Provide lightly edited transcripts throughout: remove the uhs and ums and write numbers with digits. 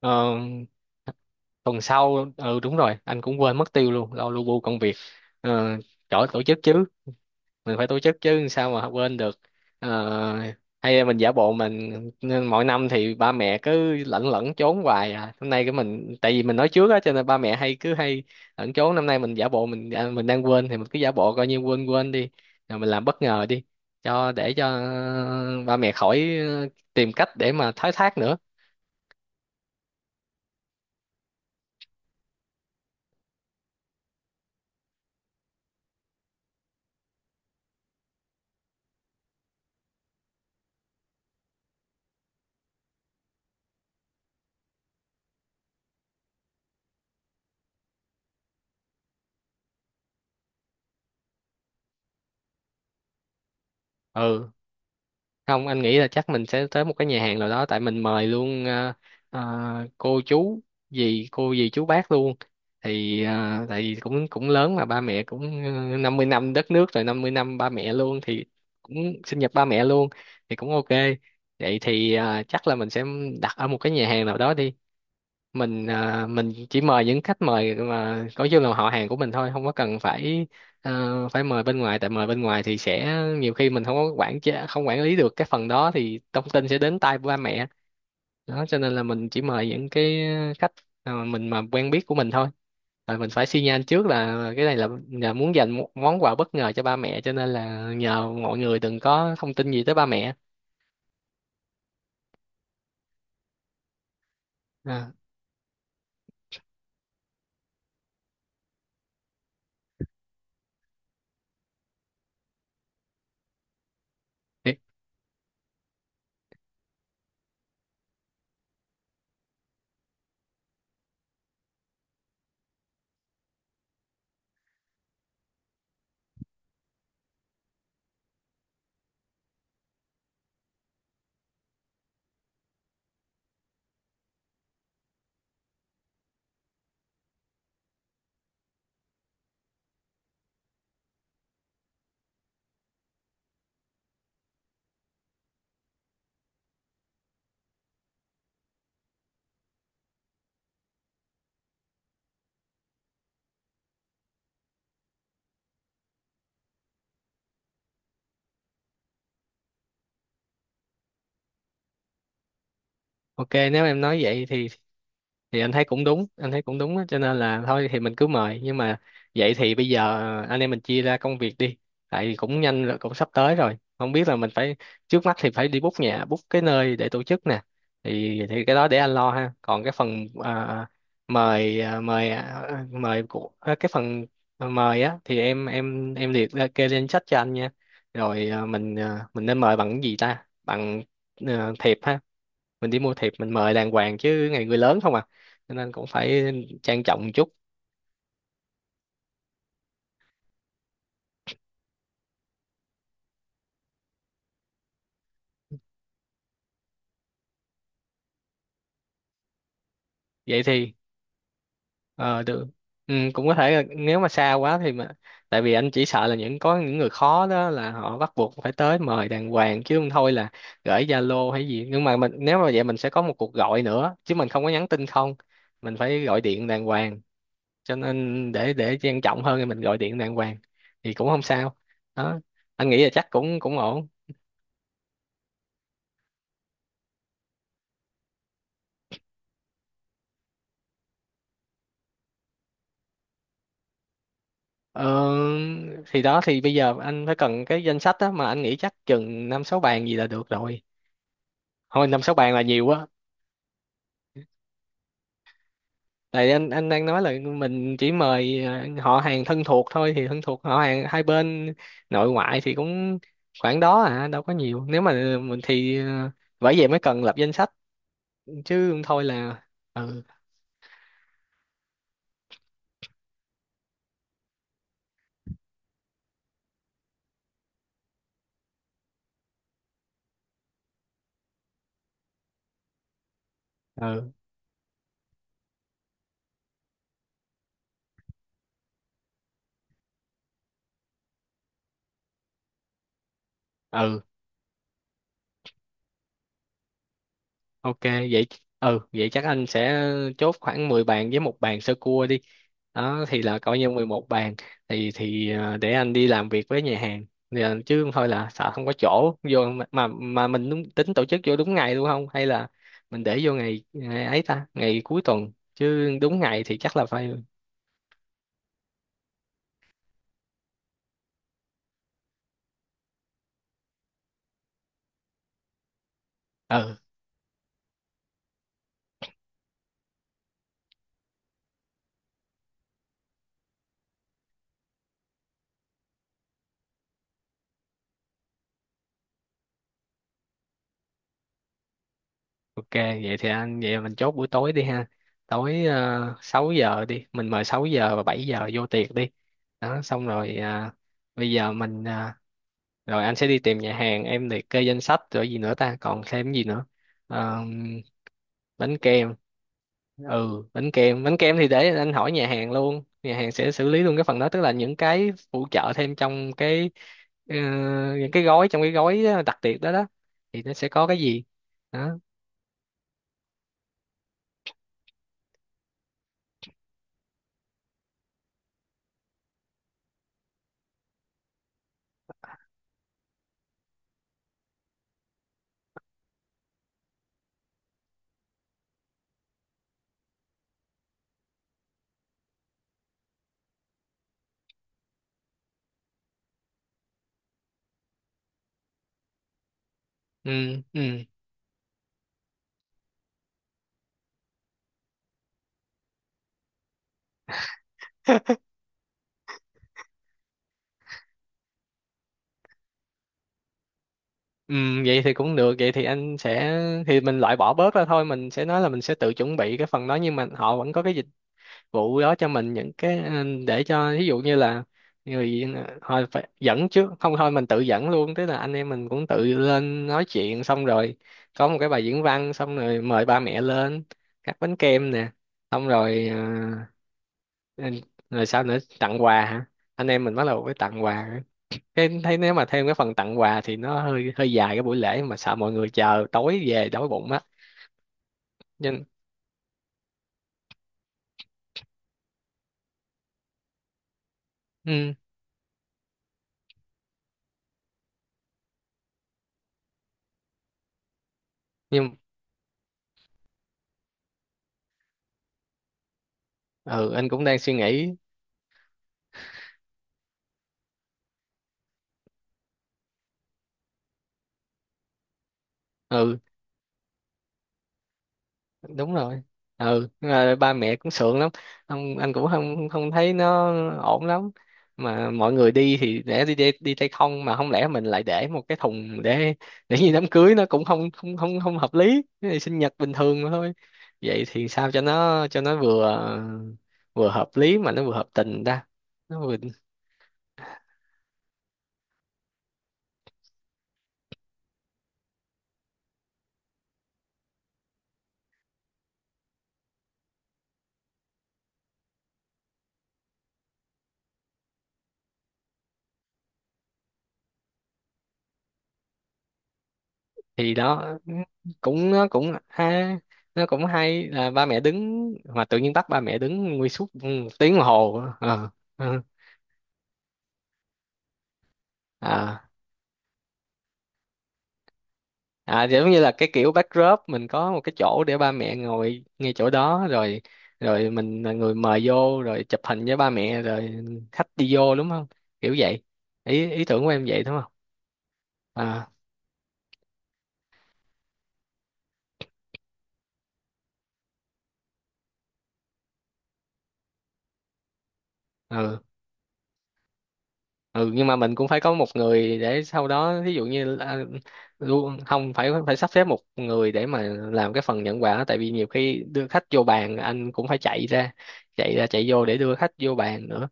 Ờ, Tuần sau, ừ, đúng rồi, anh cũng quên mất tiêu luôn, lo lu bu công việc. ờ, Chỗ tổ chức chứ, mình phải tổ chức chứ sao mà quên được. Ờ, Hay là mình giả bộ mình, nên mỗi năm thì ba mẹ cứ lẩn lẩn trốn hoài, à hôm nay cái mình, tại vì mình nói trước á cho nên ba mẹ hay, cứ hay lẩn trốn. Năm nay mình giả bộ mình, mình đang quên thì mình cứ giả bộ coi như quên quên đi, rồi mình làm bất ngờ đi, cho để cho, ừ, ba mẹ khỏi tìm cách để mà thoái thác nữa. Ừ, không, anh nghĩ là chắc mình sẽ tới một cái nhà hàng nào đó, tại mình mời luôn cô chú dì, cô dì chú bác luôn, thì tại vì cũng cũng lớn, mà ba mẹ cũng 50 năm đất nước rồi, 50 năm ba mẹ luôn, thì cũng sinh nhật ba mẹ luôn, thì cũng ok. Vậy thì chắc là mình sẽ đặt ở một cái nhà hàng nào đó đi. Mình chỉ mời những khách mời mà có chung là họ hàng của mình thôi, không có cần phải ờ, phải mời bên ngoài. Tại mời bên ngoài thì sẽ nhiều khi mình không có quản chế, không quản lý được cái phần đó, thì thông tin sẽ đến tai ba mẹ đó, cho nên là mình chỉ mời những cái khách mà mình mà quen biết của mình thôi, rồi mình phải xi nhan trước là cái này là muốn dành một món quà bất ngờ cho ba mẹ, cho nên là nhờ mọi người đừng có thông tin gì tới ba mẹ. à, thì- ok, nếu em nói vậy thì anh thấy cũng đúng, anh thấy cũng đúng á, cho nên là thôi thì mình cứ mời, nhưng mà vậy thì bây giờ anh em mình chia ra công việc đi. Tại vì cũng nhanh rồi, cũng sắp tới rồi, không biết là mình phải, trước mắt thì phải đi book nhà, book cái nơi để tổ chức nè, thì cái đó để anh lo ha. Còn cái phần mời mời của cái phần mời á, thì em liệt ra kê lên sách cho anh nha. Rồi mình nên mời bằng cái gì ta, bằng thiệp ha, mình đi mua thiệp mình mời đàng hoàng chứ, ngày người lớn không à, cho nên cũng phải trang trọng một chút. Vậy thì ờ được. Ừ, cũng có thể là nếu mà xa quá thì mà, tại vì anh chỉ sợ là những có những người khó đó là họ bắt buộc phải tới mời đàng hoàng, chứ không thôi là gửi Zalo hay gì. Nhưng mà mình nếu mà vậy mình sẽ có một cuộc gọi nữa, chứ mình không có nhắn tin không, mình phải gọi điện đàng hoàng, cho nên để trang trọng hơn thì mình gọi điện đàng hoàng, thì cũng không sao đó. Anh nghĩ là chắc cũng cũng ổn. Ờ, thì đó, thì bây giờ anh phải cần cái danh sách á, mà anh nghĩ chắc chừng năm sáu bàn gì là được rồi. Thôi năm sáu bàn là nhiều quá. Tại anh đang nói là mình chỉ mời họ hàng thân thuộc thôi, thì thân thuộc họ hàng hai bên nội ngoại thì cũng khoảng đó à, đâu có nhiều. Nếu mà mình thì bởi vậy mới cần lập danh sách, chứ không thôi là, ừ, ừ, ừ. Ok vậy, ừ, vậy chắc anh sẽ chốt khoảng 10 bàn với 1 bàn sơ cua đi. Đó thì là coi như 11 bàn, thì để anh đi làm việc với nhà hàng. Thì, ờ, chứ không thôi là sợ không có chỗ vô, mà mình đúng, tính tổ chức vô đúng ngày luôn không, hay là mình để vô ngày, ngày ấy ta, ngày cuối tuần chứ đúng ngày thì chắc là phải. Ừ, ok, vậy thì anh, vậy mình chốt buổi tối đi ha. Tối, 6 giờ đi, mình mời 6 giờ và 7 giờ vô tiệc đi. Đó xong rồi bây giờ rồi anh sẽ đi tìm nhà hàng, em liệt kê danh sách, rồi gì nữa ta, còn thêm gì nữa. Ờ, Bánh kem, ừ, bánh kem thì để anh hỏi nhà hàng luôn, nhà hàng sẽ xử lý luôn cái phần đó, tức là những cái phụ trợ thêm trong cái, ờ, những cái gói, trong cái gói đặc biệt đó đó, thì nó sẽ có cái gì đó. Ừ, ừ, ừ, vậy thì cũng được. Vậy thì anh sẽ, thì mình loại bỏ bớt ra thôi, mình sẽ nói là mình sẽ tự chuẩn bị cái phần đó, nhưng mà họ vẫn có cái vụ đó cho mình những cái để cho ví dụ như là người thôi phải dẫn trước, không thôi mình tự dẫn luôn, tức là anh em mình cũng tự lên nói chuyện xong rồi có một cái bài diễn văn, xong rồi mời ba mẹ lên cắt bánh kem nè, xong rồi ờ, rồi sao nữa, tặng quà hả. Anh em mình bắt đầu với tặng quà, cái thấy nếu mà thêm cái phần tặng quà thì nó hơi hơi dài cái buổi lễ, mà sợ mọi người chờ tối về đói bụng á. Nhưng, ừ, nhưng, ừ, anh cũng đang suy nghĩ. Ừ, đúng rồi, ừ, ba mẹ cũng sượng lắm, ông anh cũng không không thấy nó ổn lắm, mà mọi người đi thì để đi đi, đi tay không, mà không lẽ mình lại để một cái thùng để như đám cưới nó cũng không không không không hợp lý. Cái này sinh nhật bình thường mà thôi. Vậy thì sao cho nó vừa, vừa hợp lý mà nó vừa hợp tình ta, nó vừa, thì đó cũng nó cũng ha, nó cũng hay là ba mẹ đứng mà tự nhiên bắt ba mẹ đứng nguyên suốt một tiếng đồng hồ. Ờ. ờ. à À, giống như là cái kiểu backdrop, mình có một cái chỗ để ba mẹ ngồi ngay chỗ đó rồi, rồi mình là người mời vô rồi chụp hình với ba mẹ rồi khách đi vô, đúng không, kiểu vậy. Ý ý tưởng của em vậy đúng không. À, ừ, ừ, nhưng mà mình cũng phải có một người để sau đó, ví dụ như là- luôn không, phải phải sắp xếp một người để mà làm cái phần nhận quà, tại vì nhiều khi đưa khách vô bàn anh cũng phải chạy ra, chạy vô để đưa khách vô bàn nữa,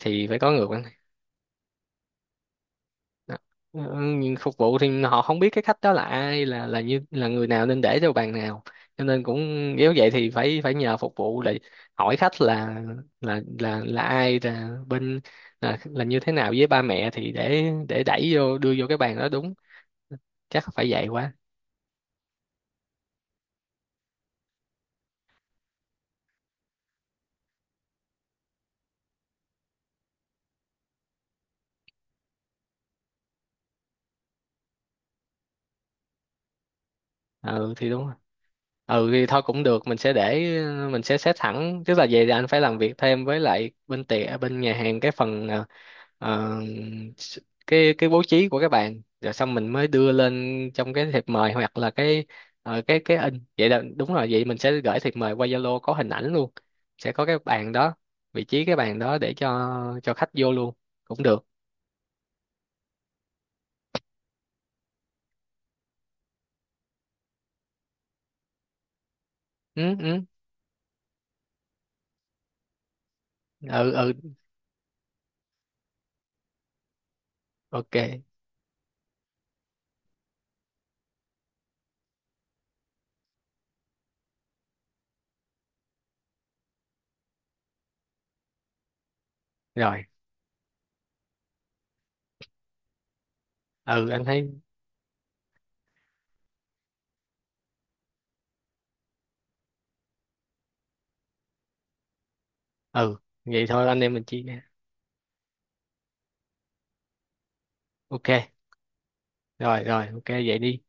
thì phải có người quản. Đó. Ừ, nhưng phục vụ thì họ không biết cái khách đó là ai, là người nào nên để cho bàn nào, cho nên cũng nếu vậy thì phải phải nhờ phục vụ để hỏi khách là là ai, là bên, là như thế nào với ba mẹ thì để đẩy vô đưa vô cái bàn đó đúng. Chắc phải vậy quá. Ừ thì đúng, ừ thì thôi cũng được. Mình sẽ để, mình sẽ set thẳng, tức là vậy thì anh phải làm việc thêm với lại bên tiệm, bên nhà hàng cái phần, ờ, s- cái bố trí của các bạn rồi xong mình mới đưa lên trong cái thiệp mời hoặc là cái, cái in, vậy là đúng rồi. Vậy mình sẽ gửi thiệp mời qua Zalo có hình ảnh luôn, sẽ có cái bàn đó, vị trí cái bàn đó để cho khách vô luôn, cũng được. Ừ, ừ, ừ, ừ, ok rồi. Ừ anh thấy, ừ vậy thôi anh em mình chia, ok, rồi rồi, ok vậy đi.